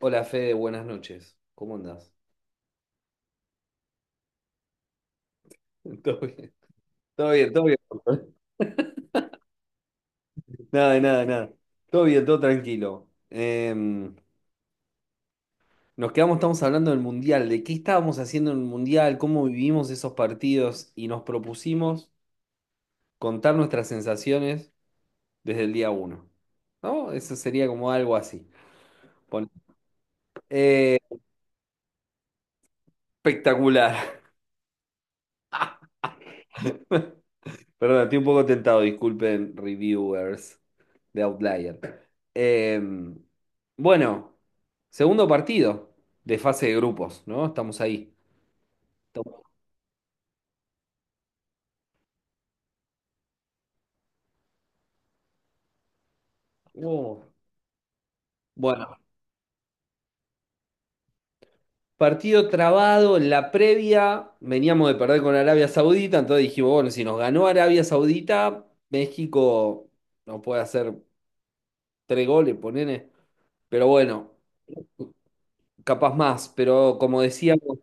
Hola Fede, buenas noches. ¿Cómo andás? Todo bien, todo bien, todo bien. Nada, de nada, de nada. Todo bien, todo tranquilo. Estamos hablando del Mundial, de qué estábamos haciendo en el Mundial, cómo vivimos esos partidos y nos propusimos contar nuestras sensaciones desde el día uno. ¿No? Eso sería como algo así. Pon- Eh, espectacular. Perdón, estoy un poco tentado, disculpen, reviewers de Outlier. Bueno, segundo partido de fase de grupos, ¿no? Estamos ahí. Estamos- Oh. Bueno, partido trabado en la previa, veníamos de perder con Arabia Saudita, entonces dijimos, bueno, si nos ganó Arabia Saudita, México no puede hacer tres goles, ponele. Pero bueno, capaz más, pero como decíamos,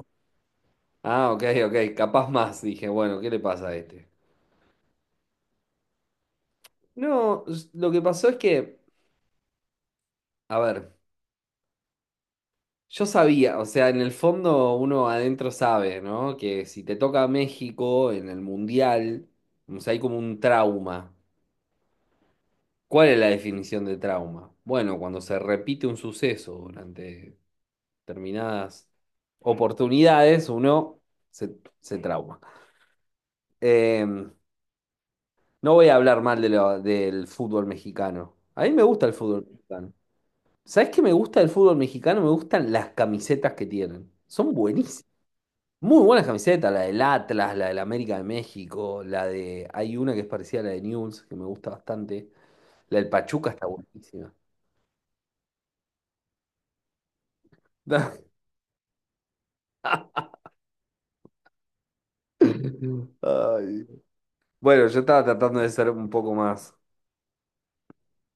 ah, ok, ok, capaz más, dije, bueno, ¿qué le pasa a este? No, lo que pasó es que, a ver, yo sabía, o sea, en el fondo uno adentro sabe, ¿no? Que si te toca México en el Mundial, o sea, hay como un trauma. ¿Cuál es la definición de trauma? Bueno, cuando se repite un suceso durante determinadas oportunidades, uno se trauma. Em, no voy a hablar mal del fútbol mexicano. A mí me gusta el fútbol mexicano. ¿Sabés qué me gusta del fútbol mexicano? Me gustan las camisetas que tienen. Son buenísimas. Muy buenas camisetas, la del Atlas, la del América de México, la de... Hay una que es parecida a la de Newell's, que me gusta bastante. La del Pachuca está buenísima. Ay. Bueno, yo estaba tratando de ser un poco más.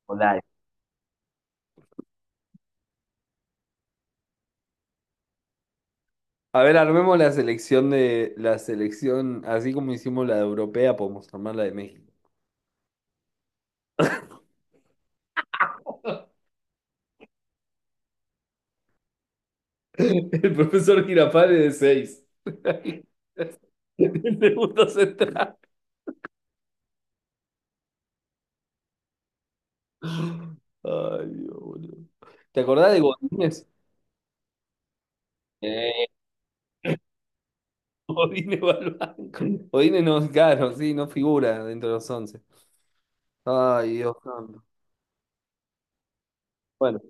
Hola. A ver, armemos la selección de la selección, así como hicimos la de europea, podemos armar la de México. El profesor Girafales de seis. El segundo central. Ay, Dios, boludo. ¿Te acordás de Godínez? Eh, Godínez va al banco. Godínez no, claro, sí, no figura dentro de los once. Ay, Dios santo. Bueno,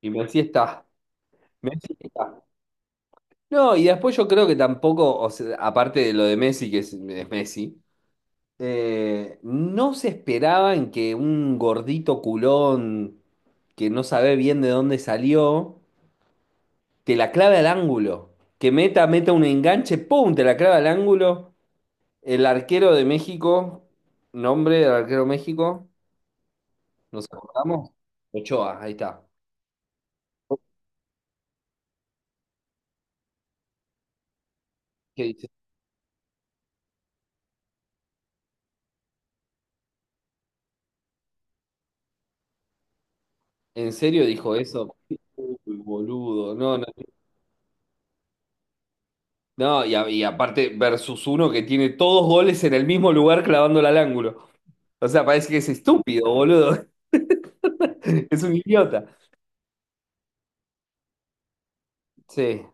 y Messi está. Messi está. No, y después yo creo que tampoco, o sea, aparte de lo de Messi, que es Messi, no se esperaban que un gordito culón que no sabe bien de dónde salió, te la clave al ángulo. Que meta, meta un enganche, ¡pum! Te la clave al ángulo. El arquero de México, nombre del arquero de México, ¿nos acordamos? Ochoa, ahí está. ¿Qué dice? ¿En serio dijo eso? Uy, boludo. No, no, no, y, y aparte, versus uno que tiene todos goles en el mismo lugar clavándola al ángulo. O sea, parece que es estúpido, boludo. Es un idiota. Sí,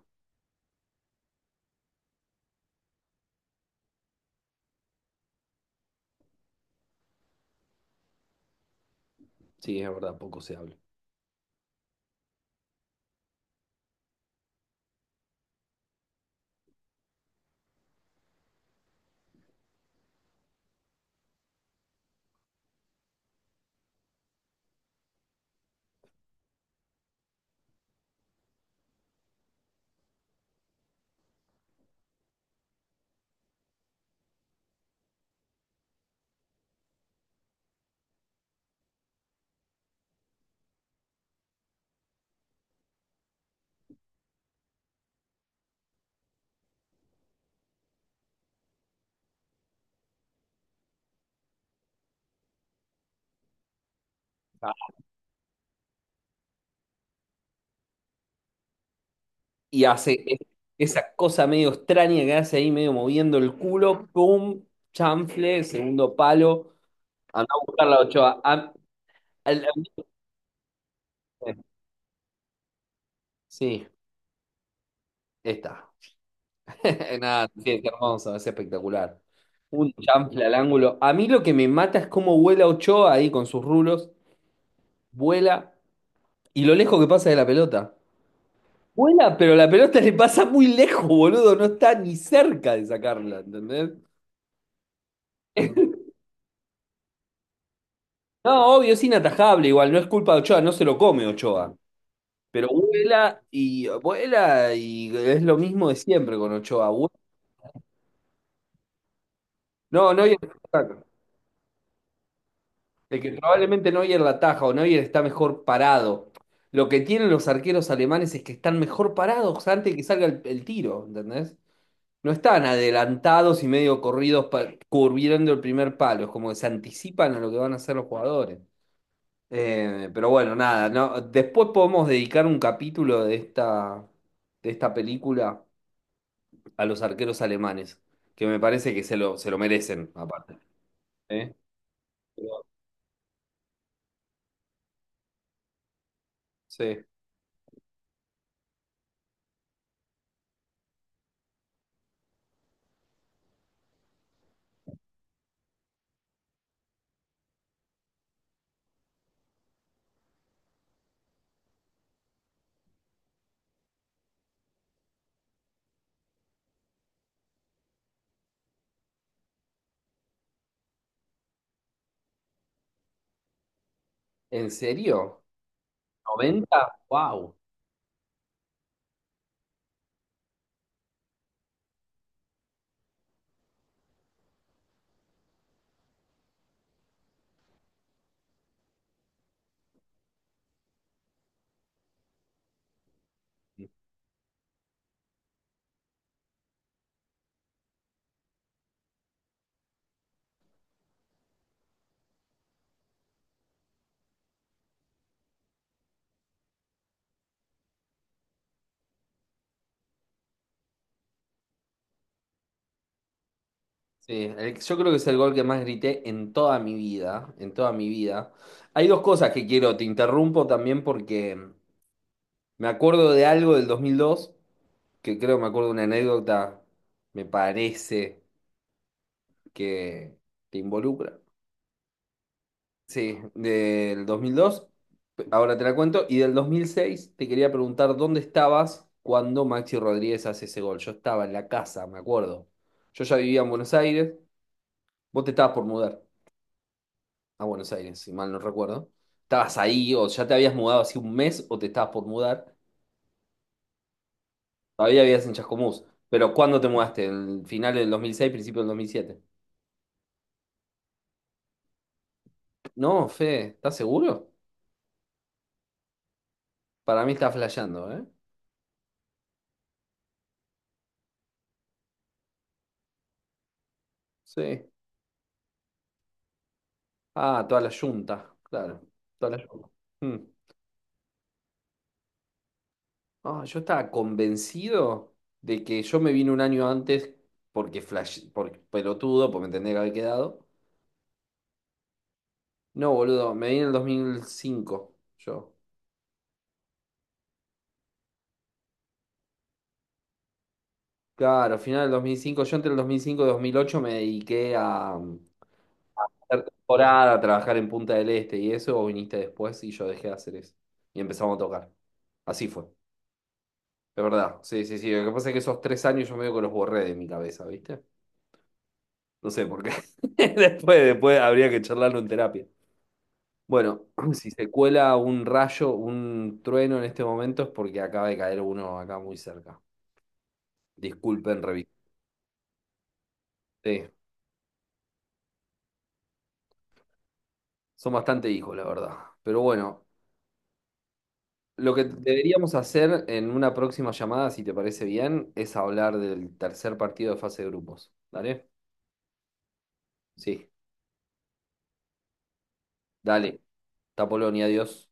sí, es verdad, poco se habla. Ah, y hace esa cosa medio extraña que hace ahí, medio moviendo el culo, pum, chanfle, segundo palo. Anda a buscar la Ochoa. El- el- sí, está. Nada, sí, es hermoso, es espectacular. Un chanfle al ángulo. A mí lo que me mata es cómo vuela Ochoa ahí con sus rulos. Vuela y lo lejos que pasa de la pelota. Vuela, pero la pelota le pasa muy lejos, boludo. No está ni cerca de sacarla, ¿entendés? No, obvio, es inatajable, igual, no es culpa de Ochoa, no se lo come Ochoa. Pero vuela y vuela y es lo mismo de siempre con Ochoa. No, no, de que probablemente Neuer la ataja o Neuer está mejor parado. Lo que tienen los arqueros alemanes es que están mejor parados antes de que salga el tiro, ¿entendés? No están adelantados y medio corridos curviando el primer palo, es como que se anticipan a lo que van a hacer los jugadores. Pero bueno, nada, ¿no? Después podemos dedicar un capítulo de esta, película a los arqueros alemanes, que me parece que se lo merecen, aparte. ¿Eh? Pero, sí. ¿En serio? Noventa. ¡Wow! Sí, yo creo que es el gol que más grité en toda mi vida, en toda mi vida. Hay dos cosas que quiero, te interrumpo también porque me acuerdo de algo del 2002, que creo me acuerdo de una anécdota, me parece que te involucra. Sí, del 2002, ahora te la cuento, y del 2006 te quería preguntar dónde estabas cuando Maxi Rodríguez hace ese gol. Yo estaba en la casa, me acuerdo. Yo ya vivía en Buenos Aires, vos te estabas por mudar a Buenos Aires, si mal no recuerdo. Estabas ahí o ya te habías mudado hace un mes o te estabas por mudar. Todavía vivías en Chascomús. Pero ¿cuándo te mudaste? ¿En final del 2006, principio del 2007? No, Fe, ¿estás seguro? Para mí está flasheando, ¿eh? Sí. Ah, toda la yunta, claro. Toda la yunta. Mm. Ah, yo estaba convencido de que yo me vine un año antes porque flash, por pelotudo, porque me tendría que haber quedado. No, boludo, me vine en el 2005, yo. Claro, final del 2005, yo entre el 2005 y 2008 me dediqué a hacer temporada, a trabajar en Punta del Este y eso, vos viniste después y yo dejé de hacer eso. Y empezamos a tocar. Así fue, de verdad. Sí, sí, sí. Lo que pasa es que esos 3 años yo medio que los borré de mi cabeza, ¿viste? No sé por qué. Después, después habría que charlarlo en terapia. Bueno, si se cuela un rayo, un trueno en este momento es porque acaba de caer uno acá muy cerca. Disculpen, revisé. Son bastante hijos, la verdad. Pero bueno, lo que deberíamos hacer en una próxima llamada, si te parece bien, es hablar del tercer partido de fase de grupos. ¿Dale? Sí, dale. Hasta Polonia, adiós.